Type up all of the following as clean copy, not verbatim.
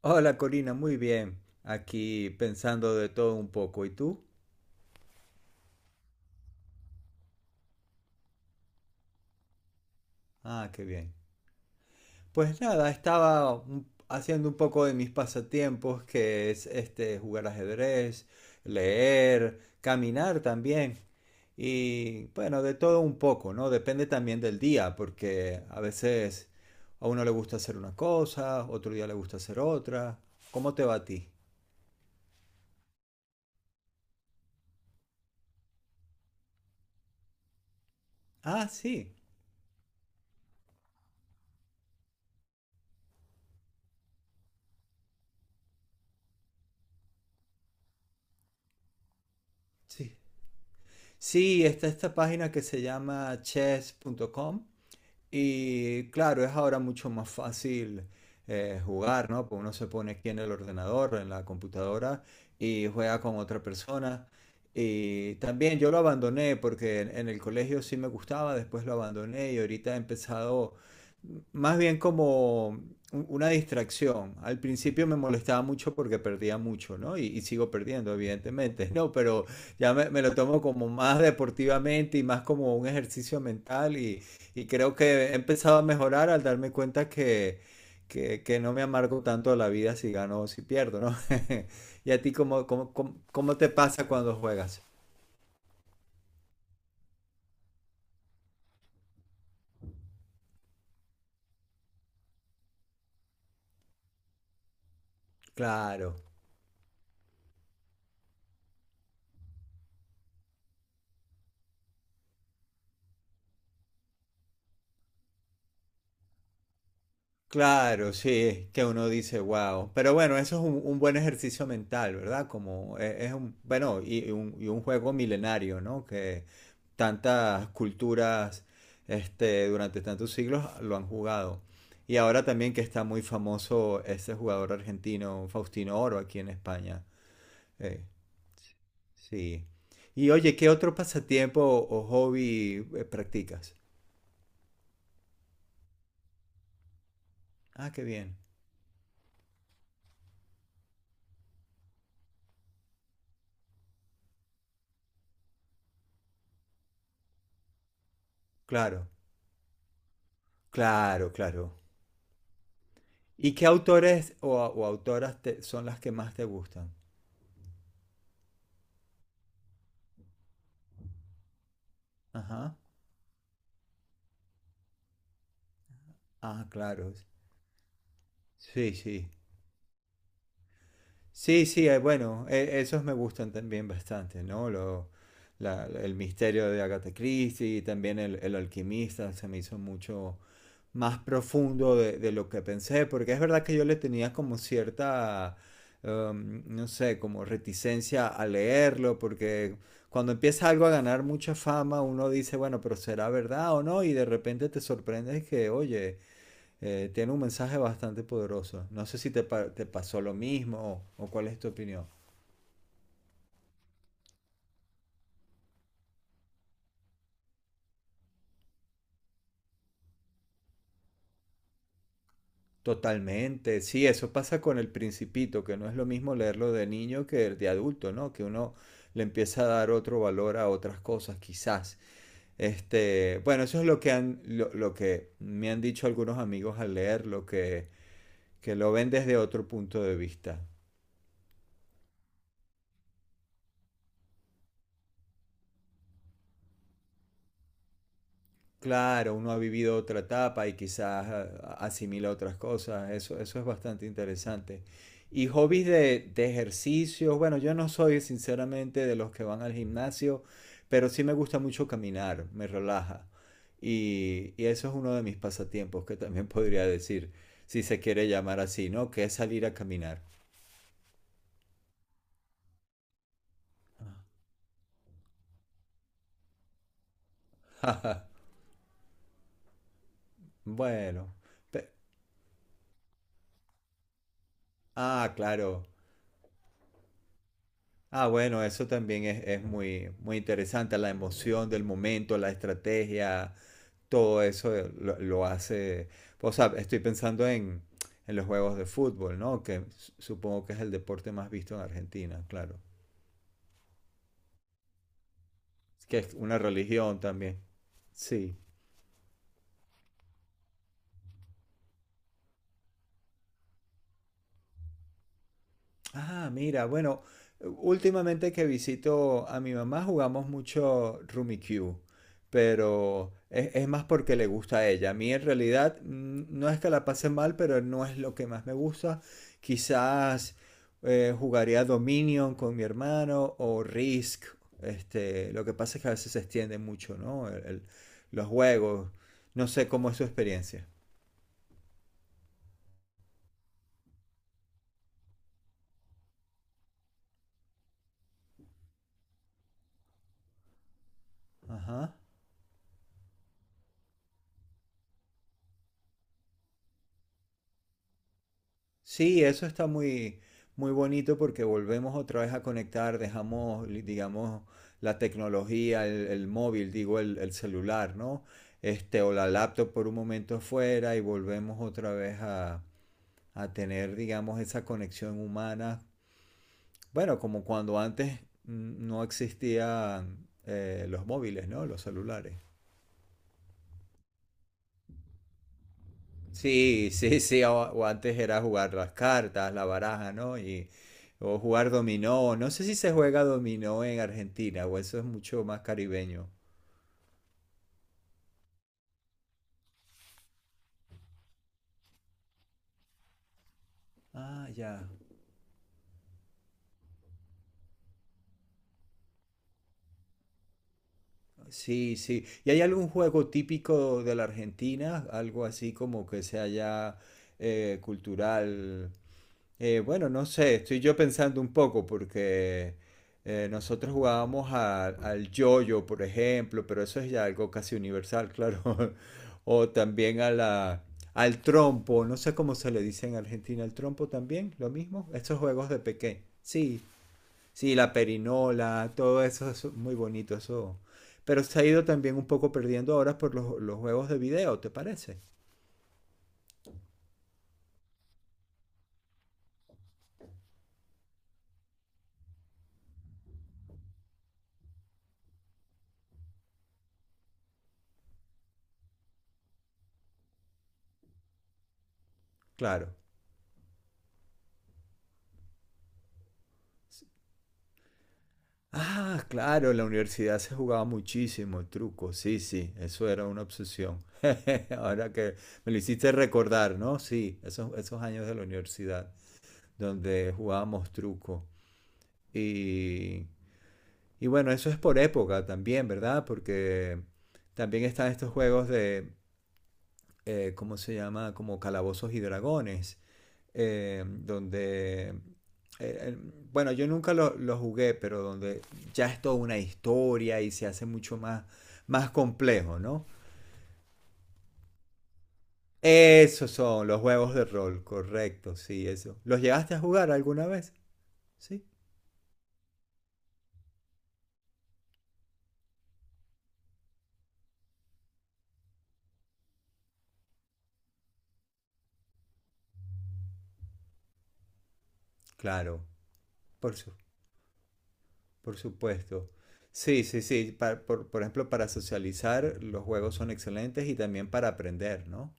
Hola Corina, muy bien. Aquí pensando de todo un poco. ¿Y tú? Ah, qué bien. Pues nada, estaba haciendo un poco de mis pasatiempos, que es este jugar ajedrez, leer, caminar también. Y bueno, de todo un poco, ¿no? Depende también del día, porque a veces a uno le gusta hacer una cosa, otro día le gusta hacer otra. ¿Cómo te va a ti? Ah, sí, sí. Sí, está esta página que se llama chess.com. Y claro, es ahora mucho más fácil jugar, ¿no? Pues uno se pone aquí en el ordenador, en la computadora, y juega con otra persona. Y también yo lo abandoné porque en el colegio sí me gustaba, después lo abandoné y ahorita he empezado más bien como una distracción. Al principio me molestaba mucho porque perdía mucho, ¿no? Y sigo perdiendo, evidentemente, ¿no? Pero ya me lo tomo como más deportivamente y más como un ejercicio mental y creo que he empezado a mejorar al darme cuenta que no me amargo tanto la vida si gano o si pierdo, ¿no? ¿Y a ti cómo te pasa cuando juegas? Claro. Claro, sí, es que uno dice, wow. Pero bueno, eso es un buen ejercicio mental, ¿verdad? Como es, un, bueno, y un juego milenario, ¿no? Que tantas culturas, este, durante tantos siglos lo han jugado. Y ahora también que está muy famoso ese jugador argentino, Faustino Oro, aquí en España. Eh, sí. Y oye, ¿qué otro pasatiempo o hobby practicas? Ah, qué bien. Claro, claro, claro. ¿Y qué autores o autoras son las que más te gustan? Ajá. Ah, claro. Sí, sí. Sí, sí, bueno, esos me gustan también bastante, ¿no? Lo, el misterio de Agatha Christie y también el alquimista se me hizo mucho, más profundo de lo que pensé, porque es verdad que yo le tenía como cierta, no sé, como reticencia a leerlo, porque cuando empieza algo a ganar mucha fama, uno dice, bueno, pero será verdad o no, y de repente te sorprendes que, oye, tiene un mensaje bastante poderoso. No sé si te, te pasó lo mismo o cuál es tu opinión. Totalmente, sí, eso pasa con El Principito, que no es lo mismo leerlo de niño que de adulto, ¿no? Que uno le empieza a dar otro valor a otras cosas, quizás. Este, bueno, eso es lo que han, lo que me han dicho algunos amigos al leerlo, que lo ven desde otro punto de vista. Claro, uno ha vivido otra etapa y quizás ah, asimila otras cosas. Eso es bastante interesante. Y hobbies de ejercicios. Bueno, yo no soy sinceramente de los que van al gimnasio, pero sí me gusta mucho caminar, me relaja. Y eso es uno de mis pasatiempos que también podría decir, si se quiere llamar así, ¿no? Que es salir a caminar. Bueno. pe- Ah, claro. Ah, bueno, eso también es muy, muy interesante, la emoción del momento, la estrategia, todo eso lo hace. O sea, estoy pensando en los juegos de fútbol, ¿no? Que supongo que es el deporte más visto en Argentina, claro. Es que es una religión también. Sí. Ah, mira, bueno, últimamente que visito a mi mamá jugamos mucho Rummikub, pero es más porque le gusta a ella. A mí en realidad no es que la pase mal, pero no es lo que más me gusta. Quizás jugaría Dominion con mi hermano o Risk. Este, lo que pasa es que a veces se extiende mucho, ¿no? Los juegos. No sé cómo es su experiencia. Ajá. Sí, eso está muy, muy bonito porque volvemos otra vez a conectar, dejamos, digamos, la tecnología, el móvil, digo, el celular, ¿no? Este, o la laptop por un momento fuera y volvemos otra vez a tener, digamos, esa conexión humana. Bueno, como cuando antes no existían los móviles, ¿no? Los celulares. Sí, sí, sí, o antes era jugar las cartas, la baraja, ¿no? Y, o jugar dominó, no sé si se juega dominó en Argentina, o eso es mucho más caribeño. Ah, ya, sí, sí. ¿Y hay algún juego típico de la Argentina? Algo así como que sea ya cultural. Bueno, no sé, estoy yo pensando un poco porque nosotros jugábamos al yoyo, por ejemplo, pero eso es ya algo casi universal, claro. O también a la, al trompo, no sé cómo se le dice en Argentina, al trompo también, lo mismo. Estos juegos de pequeño. Sí, sí, la perinola, todo eso es muy bonito, eso. Pero se ha ido también un poco perdiendo ahora por los juegos de video, ¿te parece? Claro. Ah, claro, en la universidad se jugaba muchísimo el truco, sí, sí, eso era una obsesión. Ahora que me lo hiciste recordar, ¿no? Sí, esos, esos años de la universidad donde jugábamos truco. Y, y bueno, eso es por época también, ¿verdad? Porque también están estos juegos de, ¿cómo se llama? Como calabozos y dragones, donde, eh, bueno, yo nunca lo, lo jugué, pero donde ya es toda una historia y se hace mucho más, más complejo, ¿no? Esos son los juegos de rol, correcto, sí, eso. ¿Los llegaste a jugar alguna vez? Sí, claro, por su- por supuesto. Sí, sí, sí, por ejemplo, para socializar los juegos son excelentes y también para aprender, ¿no?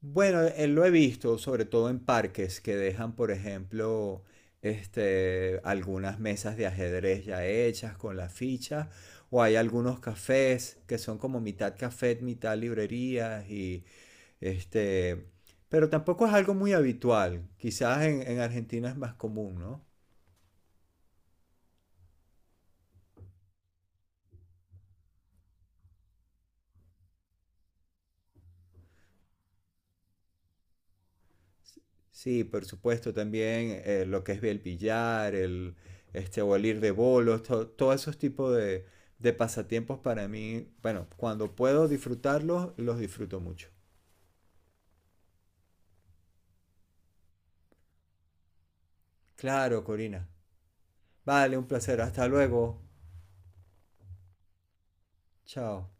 Bueno, lo he visto, sobre todo en parques que dejan, por ejemplo, este, algunas mesas de ajedrez ya hechas con las fichas, o hay algunos cafés que son como mitad café, mitad librerías y este, pero tampoco es algo muy habitual. Quizás en Argentina es más común, ¿no? Sí, por supuesto, también lo que es el billar, el, este, o el ir de bolos, todos esos tipos de pasatiempos para mí, bueno, cuando puedo disfrutarlos, los disfruto mucho. Claro, Corina. Vale, un placer. Hasta luego. Chao.